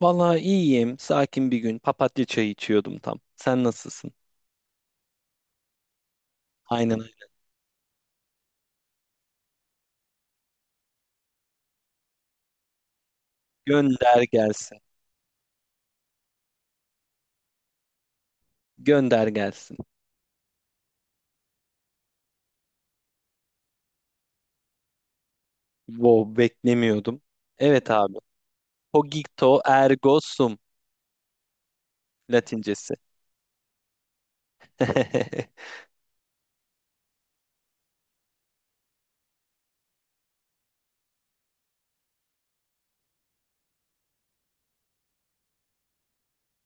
Vallahi iyiyim. Sakin bir gün. Papatya çayı içiyordum tam. Sen nasılsın? Aynen öyle. Gönder gelsin. Gönder gelsin. Wow, beklemiyordum. Evet abi. Cogito ergo sum Latincesi.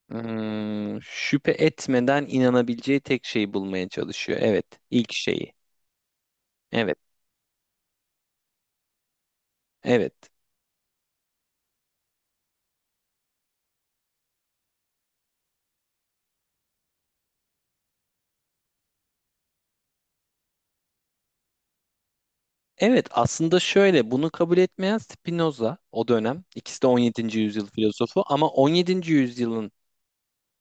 Hmm, şüphe etmeden inanabileceği tek şeyi bulmaya çalışıyor. Evet, ilk şeyi. Evet, evet. Evet, aslında şöyle bunu kabul etmeyen Spinoza o dönem. İkisi de 17. yüzyıl filozofu ama 17. yüzyılın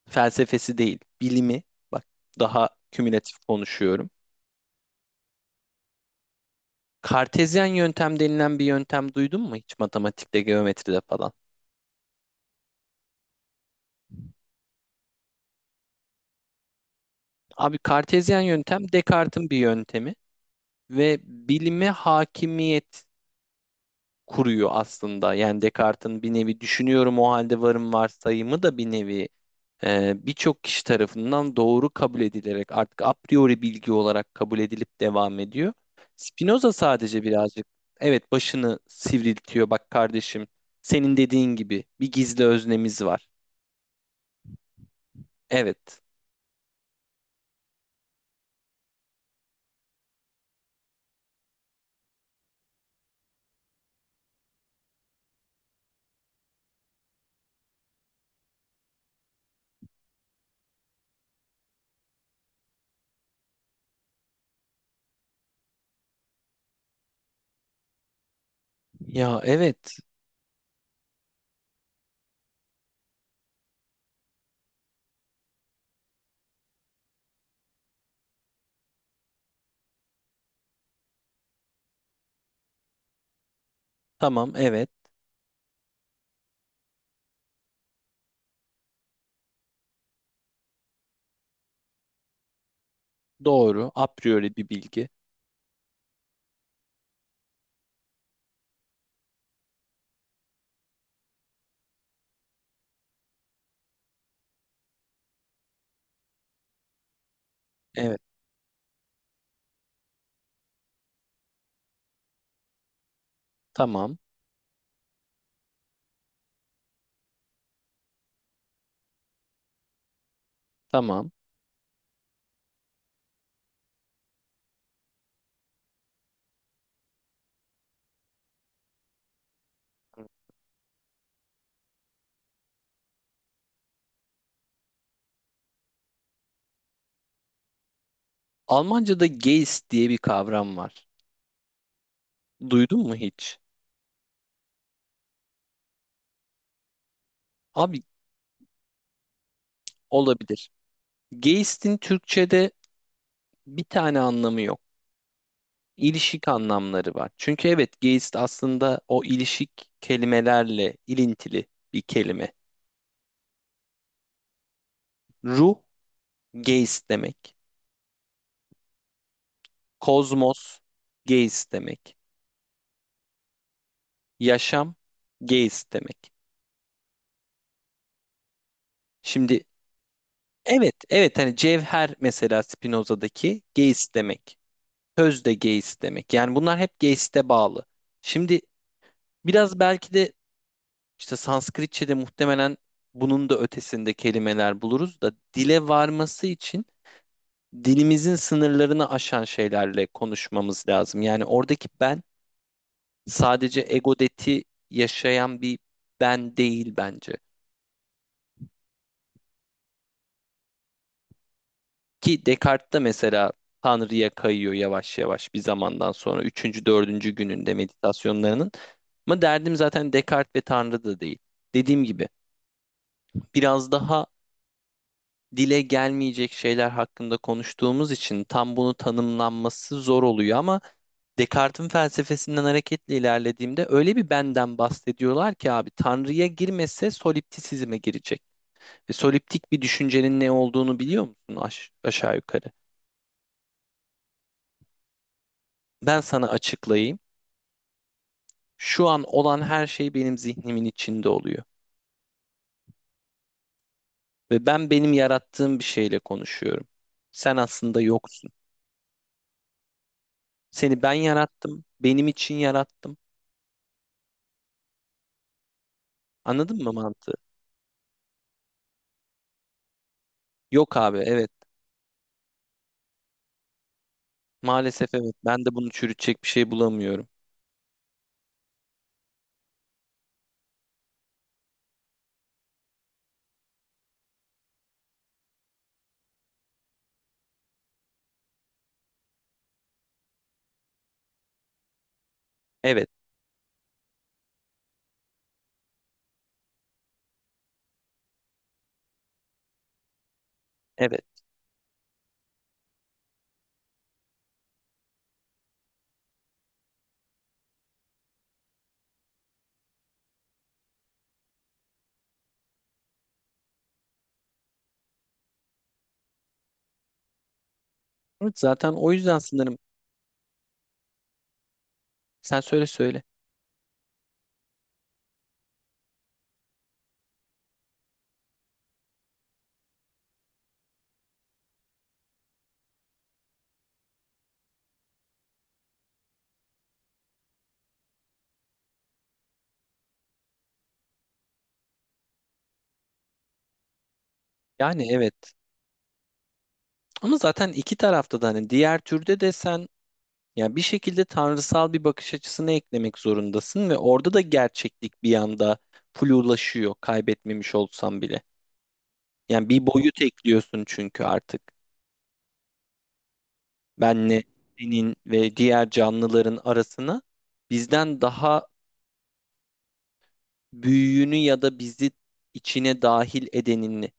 felsefesi değil, bilimi. Bak daha kümülatif konuşuyorum. Kartezyen yöntem denilen bir yöntem duydun mu hiç matematikte, geometride falan? Abi kartezyen yöntem Descartes'in bir yöntemi ve bilime hakimiyet kuruyor aslında. Yani Descartes'in bir nevi düşünüyorum o halde varım varsayımı da bir nevi birçok kişi tarafından doğru kabul edilerek artık a priori bilgi olarak kabul edilip devam ediyor. Spinoza sadece birazcık evet başını sivriltiyor. Bak kardeşim senin dediğin gibi bir gizli öznemiz var. Evet. Ya evet. Tamam evet. Doğru. A priori bir bilgi. Evet. Tamam. Tamam. Almanca'da Geist diye bir kavram var. Duydun mu hiç? Abi olabilir. Geist'in Türkçe'de bir tane anlamı yok. İlişik anlamları var. Çünkü evet Geist aslında o ilişik kelimelerle ilintili bir kelime. Ruh Geist demek. Kozmos Geist demek. Yaşam Geist demek. Şimdi evet evet hani cevher mesela Spinoza'daki Geist demek. Sözde geist demek. Yani bunlar hep geiste bağlı. Şimdi biraz belki de işte Sanskritçe'de muhtemelen bunun da ötesinde kelimeler buluruz da dile varması için dilimizin sınırlarını aşan şeylerle konuşmamız lazım. Yani oradaki ben sadece egodeti yaşayan bir ben değil bence. Ki Descartes de mesela Tanrı'ya kayıyor yavaş yavaş bir zamandan sonra. Üçüncü, dördüncü gününde meditasyonlarının. Ama derdim zaten Descartes ve Tanrı da değil. Dediğim gibi biraz daha dile gelmeyecek şeyler hakkında konuştuğumuz için tam bunu tanımlanması zor oluyor ama Descartes'in felsefesinden hareketle ilerlediğimde öyle bir benden bahsediyorlar ki abi Tanrı'ya girmese soliptisizme girecek. Ve soliptik bir düşüncenin ne olduğunu biliyor musun aşağı yukarı? Ben sana açıklayayım. Şu an olan her şey benim zihnimin içinde oluyor. Ve ben benim yarattığım bir şeyle konuşuyorum. Sen aslında yoksun. Seni ben yarattım, benim için yarattım. Anladın mı mantığı? Yok abi, evet. Maalesef evet. Ben de bunu çürütecek bir şey bulamıyorum. Evet, evet. Evet, zaten o yüzden sanırım. Sen söyle söyle. Yani evet. Ama zaten iki tarafta da hani diğer türde de sen, yani bir şekilde tanrısal bir bakış açısını eklemek zorundasın ve orada da gerçeklik bir yanda flulaşıyor kaybetmemiş olsam bile. Yani bir boyut ekliyorsun çünkü artık. Benle senin ve diğer canlıların arasına bizden daha büyüğünü ya da bizi içine dahil edenini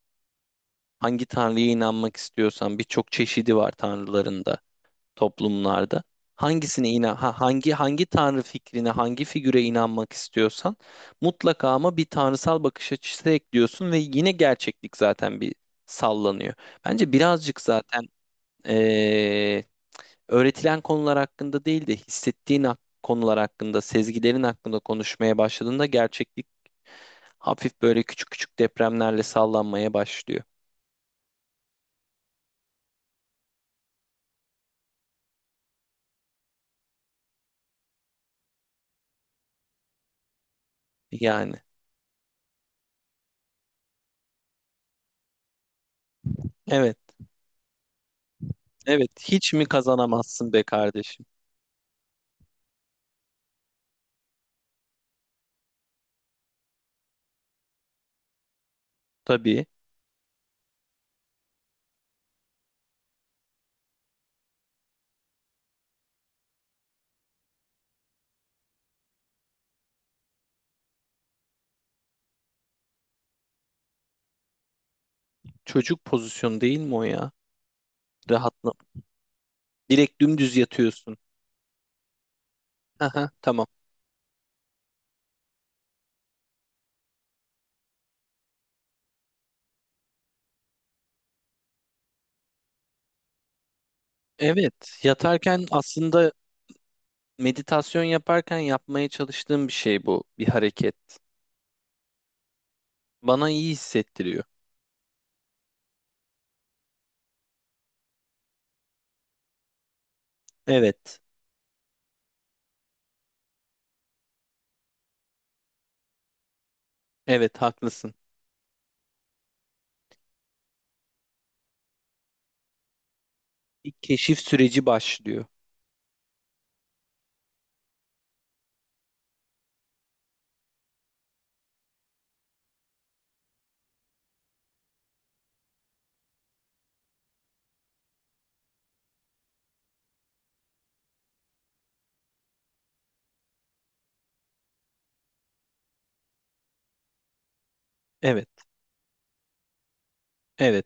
hangi tanrıya inanmak istiyorsan birçok çeşidi var tanrıların da toplumlarda. Hangisine inan ha, hangi tanrı fikrine, hangi figüre inanmak istiyorsan mutlaka ama bir tanrısal bakış açısı ekliyorsun ve yine gerçeklik zaten bir sallanıyor. Bence birazcık zaten eee, öğretilen konular hakkında değil de hissettiğin konular hakkında, sezgilerin hakkında konuşmaya başladığında gerçeklik hafif böyle küçük küçük depremlerle sallanmaya başlıyor. Yani evet, evet hiç mi kazanamazsın be kardeşim? Tabii. Çocuk pozisyonu değil mi o ya? Rahatla. Direkt dümdüz yatıyorsun. Aha, tamam. Evet, yatarken aslında meditasyon yaparken yapmaya çalıştığım bir şey bu. Bir hareket. Bana iyi hissettiriyor. Evet. Evet, haklısın. Bir keşif süreci başlıyor. Evet. Evet.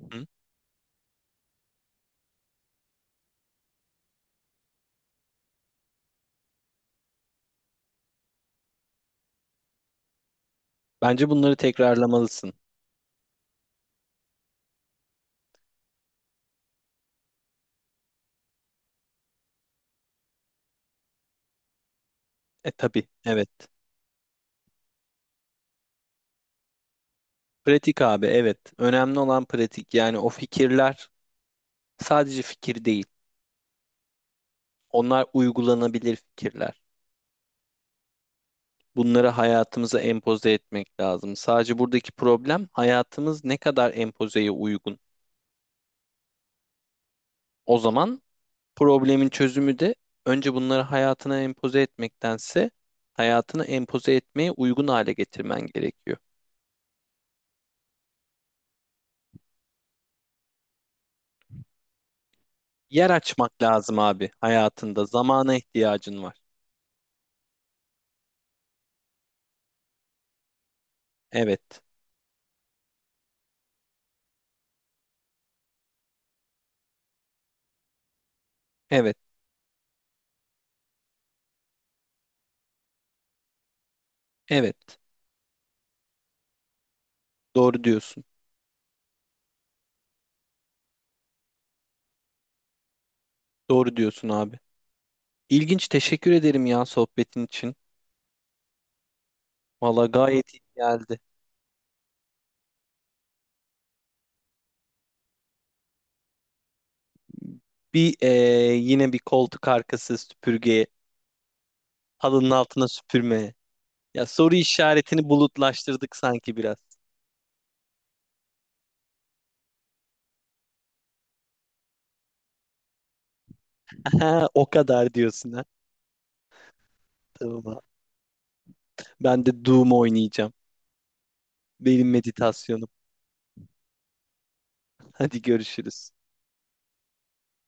Hı? Bence bunları tekrarlamalısın. E tabii. Evet. Pratik abi, evet. Önemli olan pratik. Yani o fikirler sadece fikir değil. Onlar uygulanabilir fikirler. Bunları hayatımıza empoze etmek lazım. Sadece buradaki problem hayatımız ne kadar empozeye uygun. O zaman problemin çözümü de önce bunları hayatına empoze etmektense hayatını empoze etmeye uygun hale getirmen gerekiyor. Yer açmak lazım abi hayatında. Zamana ihtiyacın var. Evet, evet, evet. Doğru diyorsun. Doğru diyorsun abi. İlginç. Teşekkür ederim ya sohbetin için. Valla gayet iyi geldi. Bir yine bir koltuk arkası süpürgeye halının altına süpürmeye. Ya soru işaretini bulutlaştırdık sanki biraz. Aha, o kadar diyorsun ha. Tamam abi. Ben de Doom oynayacağım. Benim meditasyonum. Hadi görüşürüz.